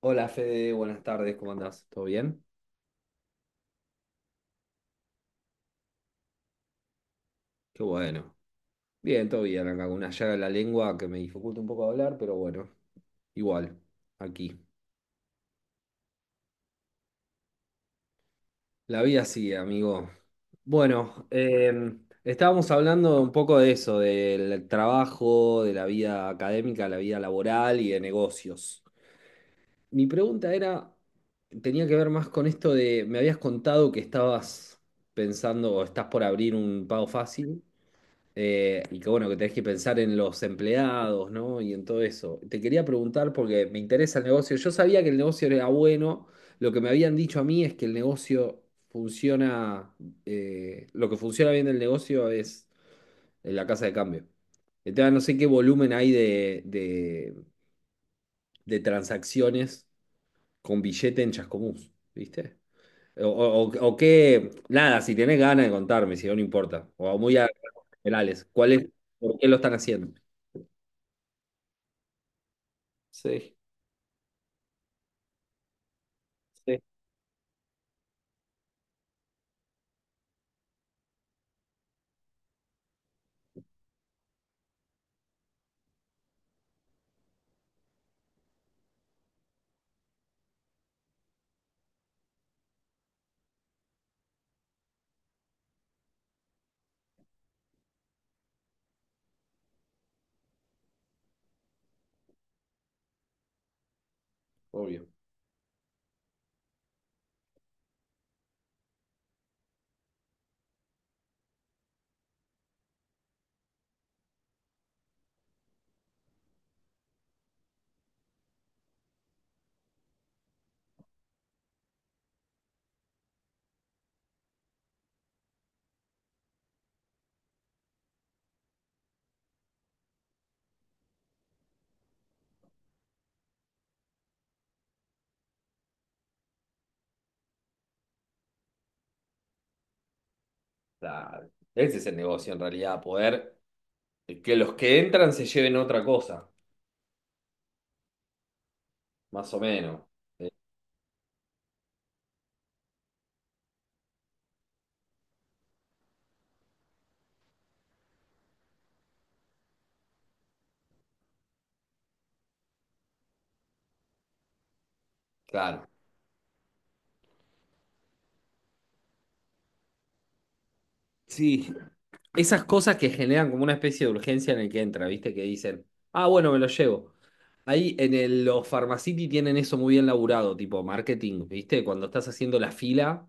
Hola Fede, buenas tardes, ¿cómo andás? ¿Todo bien? Qué bueno. Bien, todo bien, acá con una llaga en la lengua que me dificulta un poco hablar, pero bueno, igual, aquí. La vida sigue, amigo. Bueno, estábamos hablando un poco de eso, del trabajo, de la vida académica, la vida laboral y de negocios. Mi pregunta era, tenía que ver más con esto de, me habías contado que estabas pensando o estás por abrir un pago fácil. Y que bueno, que tenés que pensar en los empleados, ¿no? Y en todo eso. Te quería preguntar porque me interesa el negocio. Yo sabía que el negocio era bueno. Lo que me habían dicho a mí es que el negocio funciona, lo que funciona bien del negocio es en la casa de cambio. Entonces, no sé qué volumen hay de transacciones con billete en Chascomús, ¿viste? O qué, nada, si tenés ganas de contarme, si no, no importa. O muy a generales, ¿cuál es, por qué lo están haciendo? Sí, sí, obvio. Claro. Ese es el negocio en realidad, poder que los que entran se lleven otra cosa, más o menos. Eh, claro. Sí, esas cosas que generan como una especie de urgencia en el que entra, ¿viste? Que dicen, ah, bueno, me lo llevo. Ahí en los Pharmacity tienen eso muy bien laburado, tipo marketing, ¿viste? Cuando estás haciendo la fila.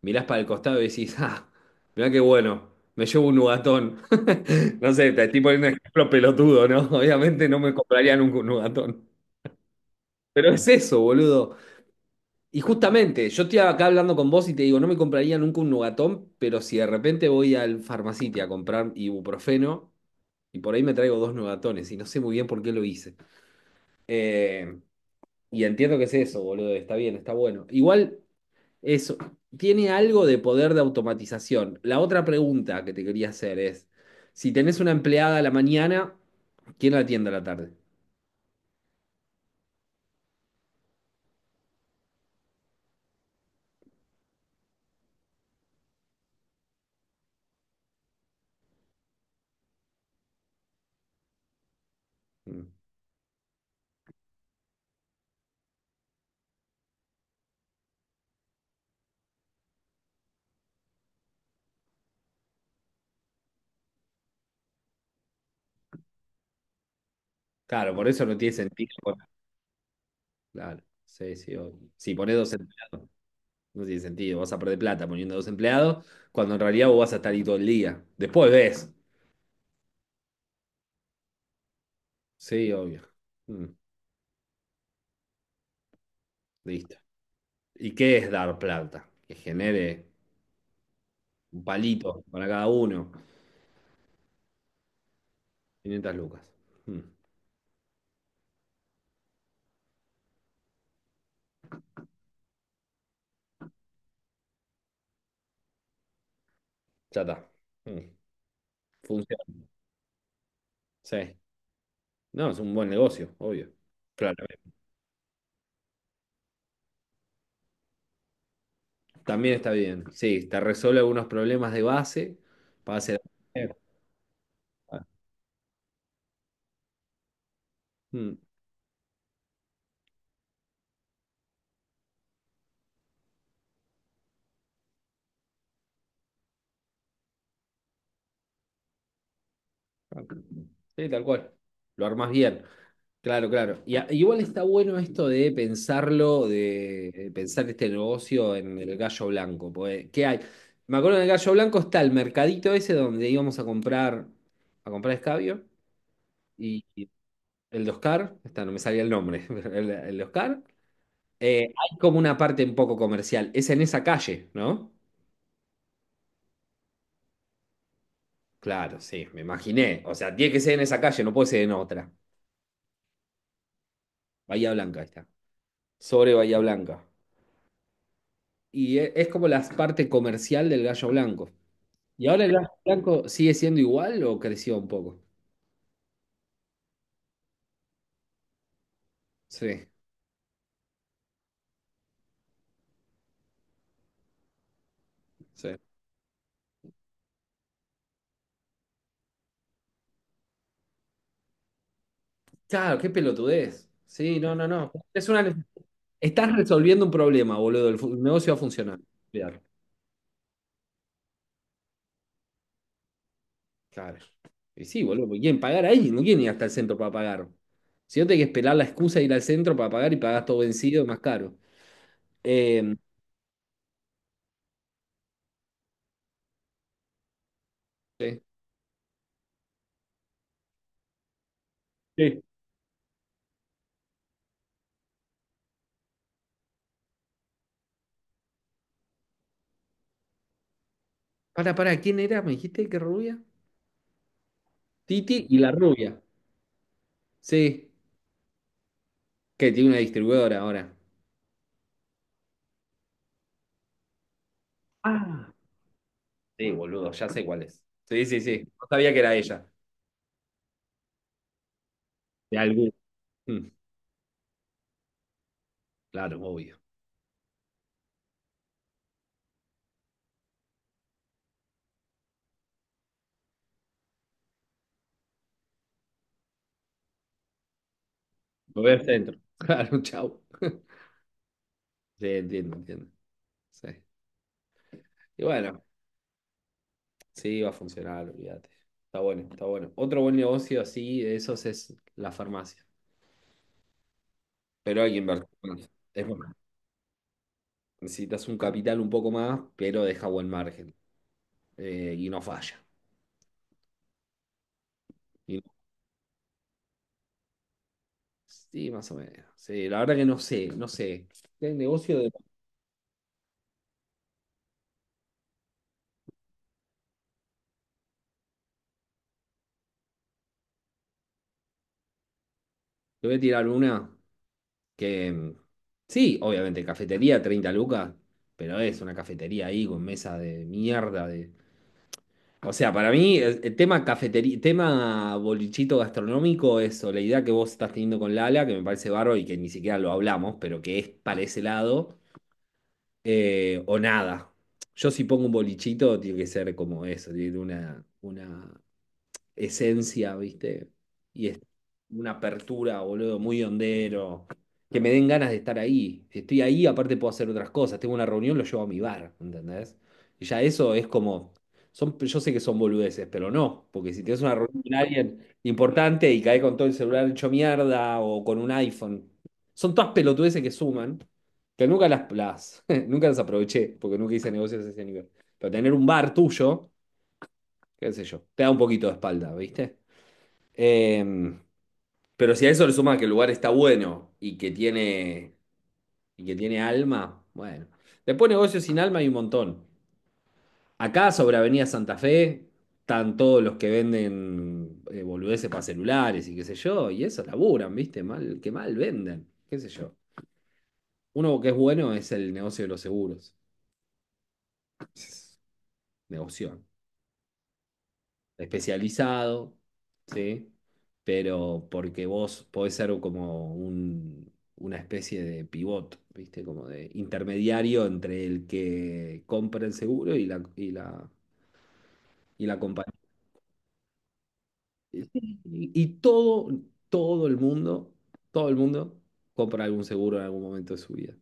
Mirás para el costado y decís, ah, mirá qué bueno, me llevo un nugatón. No sé, te estoy poniendo un ejemplo pelotudo, ¿no? Obviamente no me compraría nunca un nugatón. Pero es eso, boludo. Y justamente, yo estoy acá hablando con vos y te digo, no me compraría nunca un nugatón, pero si de repente voy al farmacite a comprar ibuprofeno, y por ahí me traigo dos nugatones, y no sé muy bien por qué lo hice. Eh, y entiendo que es eso, boludo, está bien, está bueno. Igual. Eso, tiene algo de poder de automatización. La otra pregunta que te quería hacer es, si tenés una empleada a la mañana, ¿quién la atiende a la tarde? Mm. Claro, por eso no tiene sentido. Bueno, claro, sí, sí. Obvio. Si ponés dos empleados, no tiene sentido. Vas a perder plata poniendo dos empleados, cuando en realidad vos vas a estar ahí todo el día. Después ves. Sí, obvio. Mm, listo. ¿Y qué es dar plata? Que genere un palito para cada uno. 500 lucas. Mm, ya está. Mm, funciona. Sí, no, es un buen negocio, obvio. Claro. También está bien. Sí, te resuelve algunos problemas de base para hacer. Mm. Ok. Sí, tal cual. Lo armás bien. Claro, claro. Igual está bueno esto de pensarlo, de pensar este negocio en el gallo blanco. Porque, ¿qué hay? Me acuerdo en el gallo blanco está el mercadito ese donde íbamos a comprar escabio y el de Oscar, está, no me salía el nombre. El de Oscar. Hay como una parte un poco comercial. Es en esa calle, ¿no? Claro, sí, me imaginé. O sea, tiene que ser en esa calle, no puede ser en otra. Bahía Blanca, ahí está. Sobre Bahía Blanca. Y es como la parte comercial del Gallo Blanco. ¿Y ahora el Gallo Blanco sigue siendo igual o creció un poco? Sí, sí. Claro, qué pelotudez. Sí, no, no, no. Es una... Estás resolviendo un problema, boludo. El negocio va a funcionar. Olvidar. Claro. Y sí, boludo, porque quieren pagar ahí, no quieren ir hasta el centro para pagar. Si no tenés que esperar la excusa de ir al centro para pagar y pagás todo vencido, más caro. Eh, sí. Sí. Para, ¿quién era? ¿Me dijiste que rubia? Titi y la rubia. Sí, que tiene una distribuidora ahora. Ah, sí, boludo, ya sé cuál es. Sí, sí, sí. No sabía que era ella. De algún. Mm, claro, obvio. Lo voy al centro. Claro, chau. Sí, entiendo, entiendo. Sí. Y bueno, sí, va a funcionar, olvídate. Está bueno, está bueno. Otro buen negocio así de esos es la farmacia. Pero hay que invertir más. Es bueno, necesitas un capital un poco más, pero deja buen margen. Y no falla. Y no- sí, más o menos. Sí, la verdad que no sé, no sé. El negocio de... Te voy a tirar una que... Mm, sí, obviamente, cafetería, 30 lucas, pero es una cafetería ahí con mesa de mierda, de. O sea, para mí, el tema cafetería, tema bolichito gastronómico, eso, la idea que vos estás teniendo con Lala, que me parece bárbaro y que ni siquiera lo hablamos, pero que es para ese lado, o nada. Yo si pongo un bolichito, tiene que ser como eso, tiene una esencia, ¿viste? Y es una apertura, boludo, muy hondero. Que me den ganas de estar ahí. Si estoy ahí, aparte puedo hacer otras cosas. Tengo una reunión, lo llevo a mi bar, ¿entendés? Y ya eso es como. Son, yo sé que son boludeces, pero no. Porque si tienes una reunión con alguien importante y caes con todo el celular hecho mierda o con un iPhone. Son todas pelotudeces que suman. Que nunca nunca las aproveché, porque nunca hice negocios a ese nivel. Pero tener un bar tuyo, qué sé yo, te da un poquito de espalda, ¿viste? Em, pero si a eso le suma que el lugar está bueno y que tiene alma, bueno. Después negocios sin alma hay un montón. Acá sobre Avenida Santa Fe están todos los que venden boludeces para celulares y qué sé yo, y eso laburan, ¿viste? Mal, que mal venden, qué sé yo. Uno que es bueno es el negocio de los seguros. Negocio. Especializado, ¿sí? Pero porque vos podés ser como una especie de pivot, ¿viste? Como de intermediario entre el que compra el seguro y la compañía. Sí, Y todo el mundo, todo el mundo compra algún seguro en algún momento de su vida.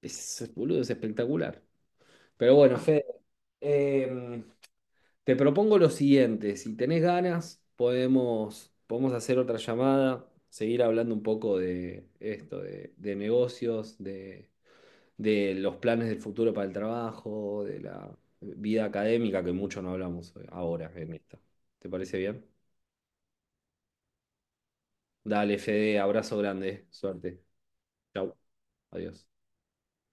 Es, boludo, es espectacular. Pero bueno, Fede, em, te propongo lo siguiente, si tenés ganas, podemos hacer otra llamada, seguir hablando un poco de esto, de negocios, de los planes del futuro para el trabajo, de la vida académica, que mucho no hablamos ahora en esta. ¿Te parece bien? Dale, Fede, abrazo grande, suerte. Chau, adiós.